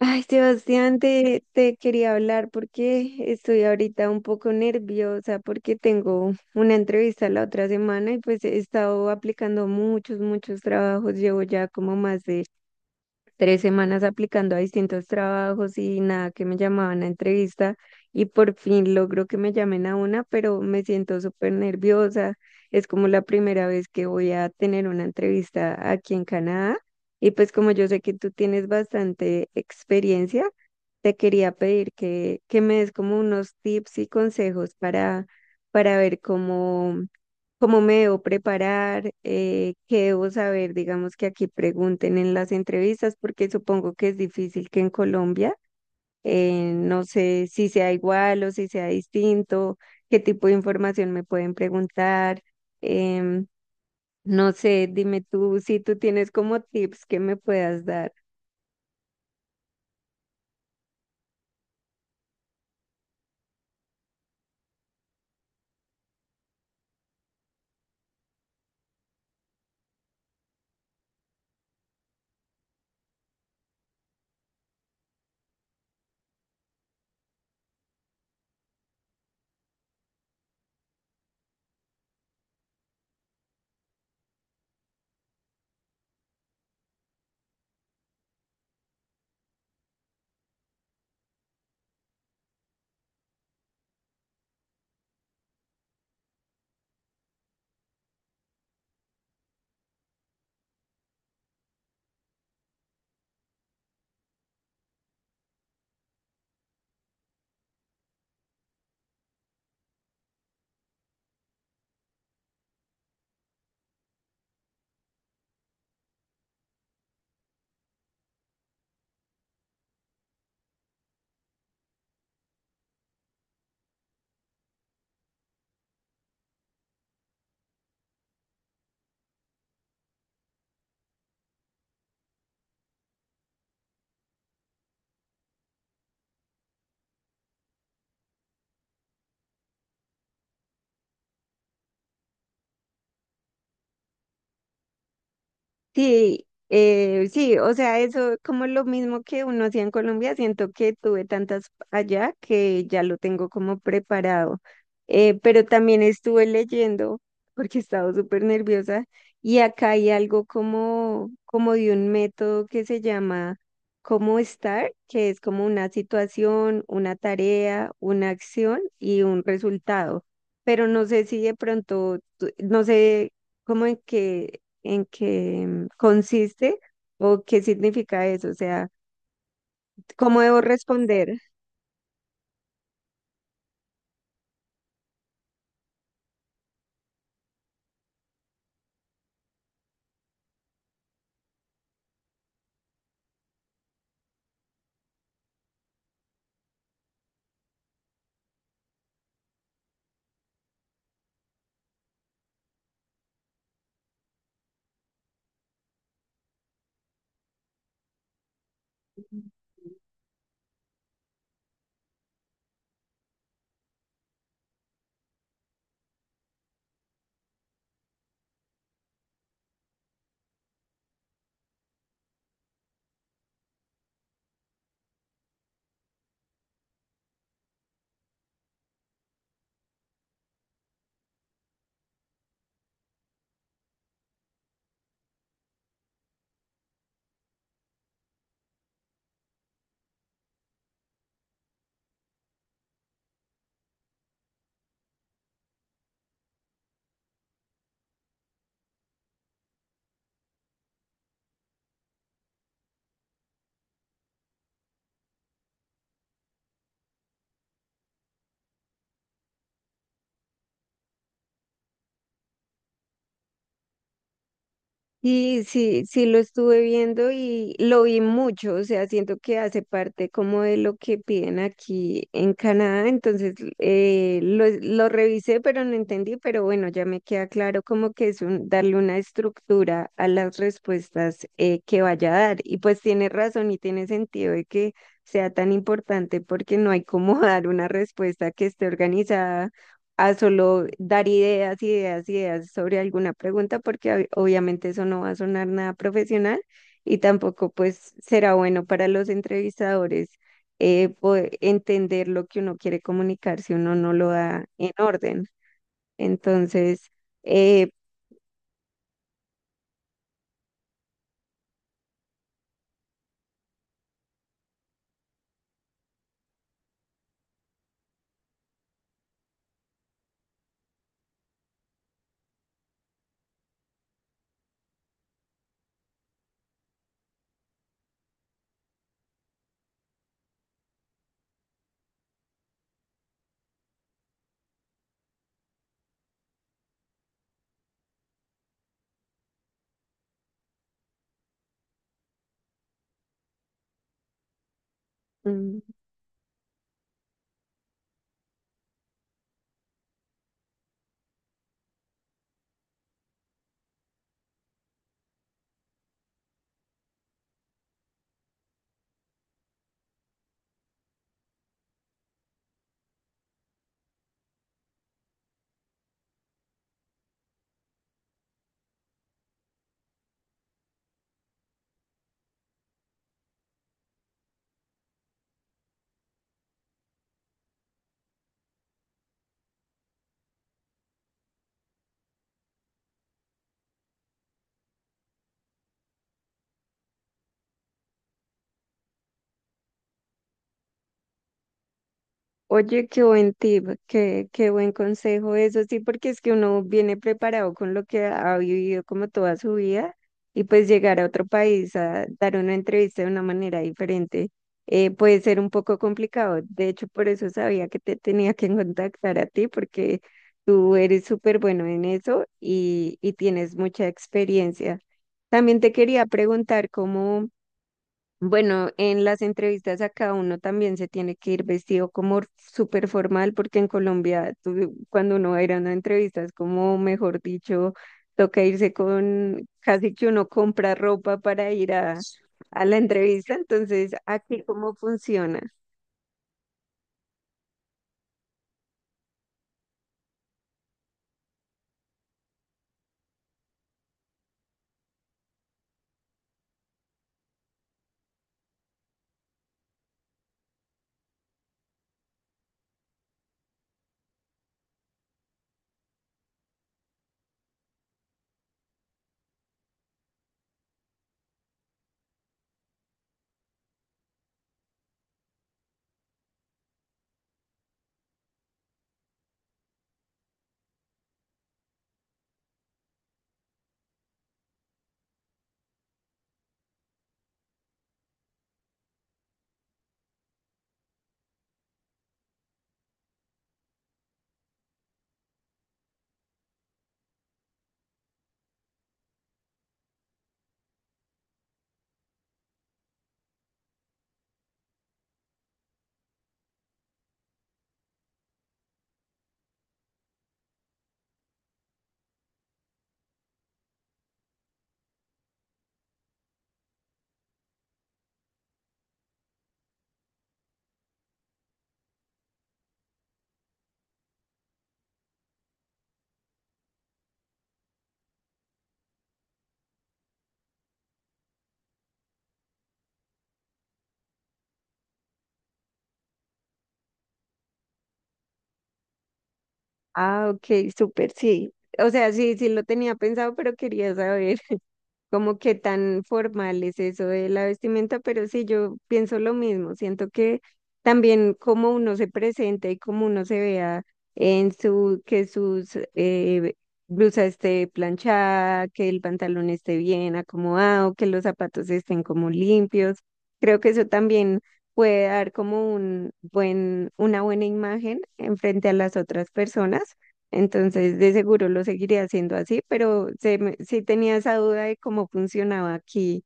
Ay, Sebastián, te quería hablar porque estoy ahorita un poco nerviosa porque tengo una entrevista la otra semana y pues he estado aplicando muchos trabajos. Llevo ya como más de tres semanas aplicando a distintos trabajos y nada que me llamaban a entrevista, y por fin logro que me llamen a una, pero me siento súper nerviosa. Es como la primera vez que voy a tener una entrevista aquí en Canadá, y pues como yo sé que tú tienes bastante experiencia, te quería pedir que me des como unos tips y consejos para ver cómo me debo preparar, qué debo saber, digamos que aquí pregunten en las entrevistas, porque supongo que es difícil que en Colombia, no sé si sea igual o si sea distinto, qué tipo de información me pueden preguntar. em, no sé, dime tú si tú tienes como tips que me puedas dar. Sí, sí, o sea, eso como lo mismo que uno hacía en Colombia, siento que tuve tantas allá que ya lo tengo como preparado. Pero también estuve leyendo, porque estaba súper nerviosa, y acá hay algo como de un método que se llama cómo estar, que es como una situación, una tarea, una acción y un resultado. Pero no sé si de pronto, no sé cómo en qué en qué consiste o qué significa eso, o sea, cómo debo responder. Sí, sí, sí lo estuve viendo y lo vi mucho, o sea, siento que hace parte como de lo que piden aquí en Canadá, entonces lo revisé pero no entendí, pero bueno, ya me queda claro como que es un, darle una estructura a las respuestas, que vaya a dar, y pues tiene razón y tiene sentido de que sea tan importante porque no hay como dar una respuesta que esté organizada a solo dar ideas, ideas, ideas sobre alguna pregunta, porque obviamente eso no va a sonar nada profesional y tampoco pues será bueno para los entrevistadores, poder entender lo que uno quiere comunicar si uno no lo da en orden. Entonces, eh, mm, Oye, qué buen tip, qué buen consejo eso, sí, porque es que uno viene preparado con lo que ha vivido como toda su vida, y pues llegar a otro país a dar una entrevista de una manera diferente puede ser un poco complicado. De hecho, por eso sabía que te tenía que contactar a ti porque tú eres súper bueno en eso, y tienes mucha experiencia. También te quería preguntar cómo... Bueno, en las entrevistas acá uno también se tiene que ir vestido como súper formal porque en Colombia cuando uno va a ir a una entrevista es como, mejor dicho, toca irse con, casi que uno compra ropa para ir a la entrevista. Entonces, aquí cómo funciona. Ah, ok, súper, sí. O sea, sí, sí lo tenía pensado, pero quería saber como que tan formal es eso de la vestimenta, pero sí, yo pienso lo mismo, siento que también como uno se presenta y como uno se vea en su, que sus blusa esté planchada, que el pantalón esté bien acomodado, que los zapatos estén como limpios, creo que eso también puede dar como un buen, una buena imagen en frente a las otras personas. Entonces, de seguro lo seguiré haciendo así, pero sí tenía esa duda de cómo funcionaba aquí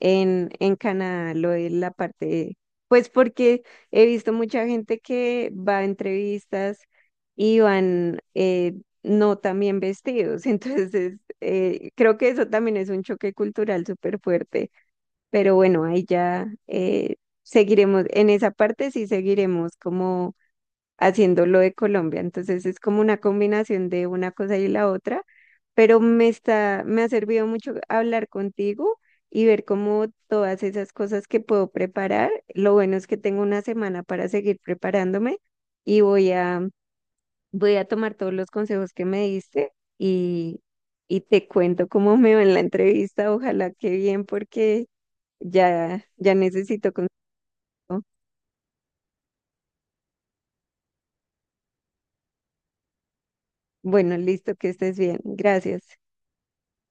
en Canadá, lo de la parte, pues porque he visto mucha gente que va a entrevistas y van no tan bien vestidos. Entonces, creo que eso también es un choque cultural súper fuerte, pero bueno, ahí ya seguiremos, en esa parte sí seguiremos como haciendo lo de Colombia. Entonces es como una combinación de una cosa y la otra, pero me está, me ha servido mucho hablar contigo y ver cómo todas esas cosas que puedo preparar. Lo bueno es que tengo una semana para seguir preparándome, y voy a tomar todos los consejos que me diste, y, y te cuento cómo me va en la entrevista. Ojalá que bien, porque ya necesito consejo. Bueno, listo, que estés bien. Gracias.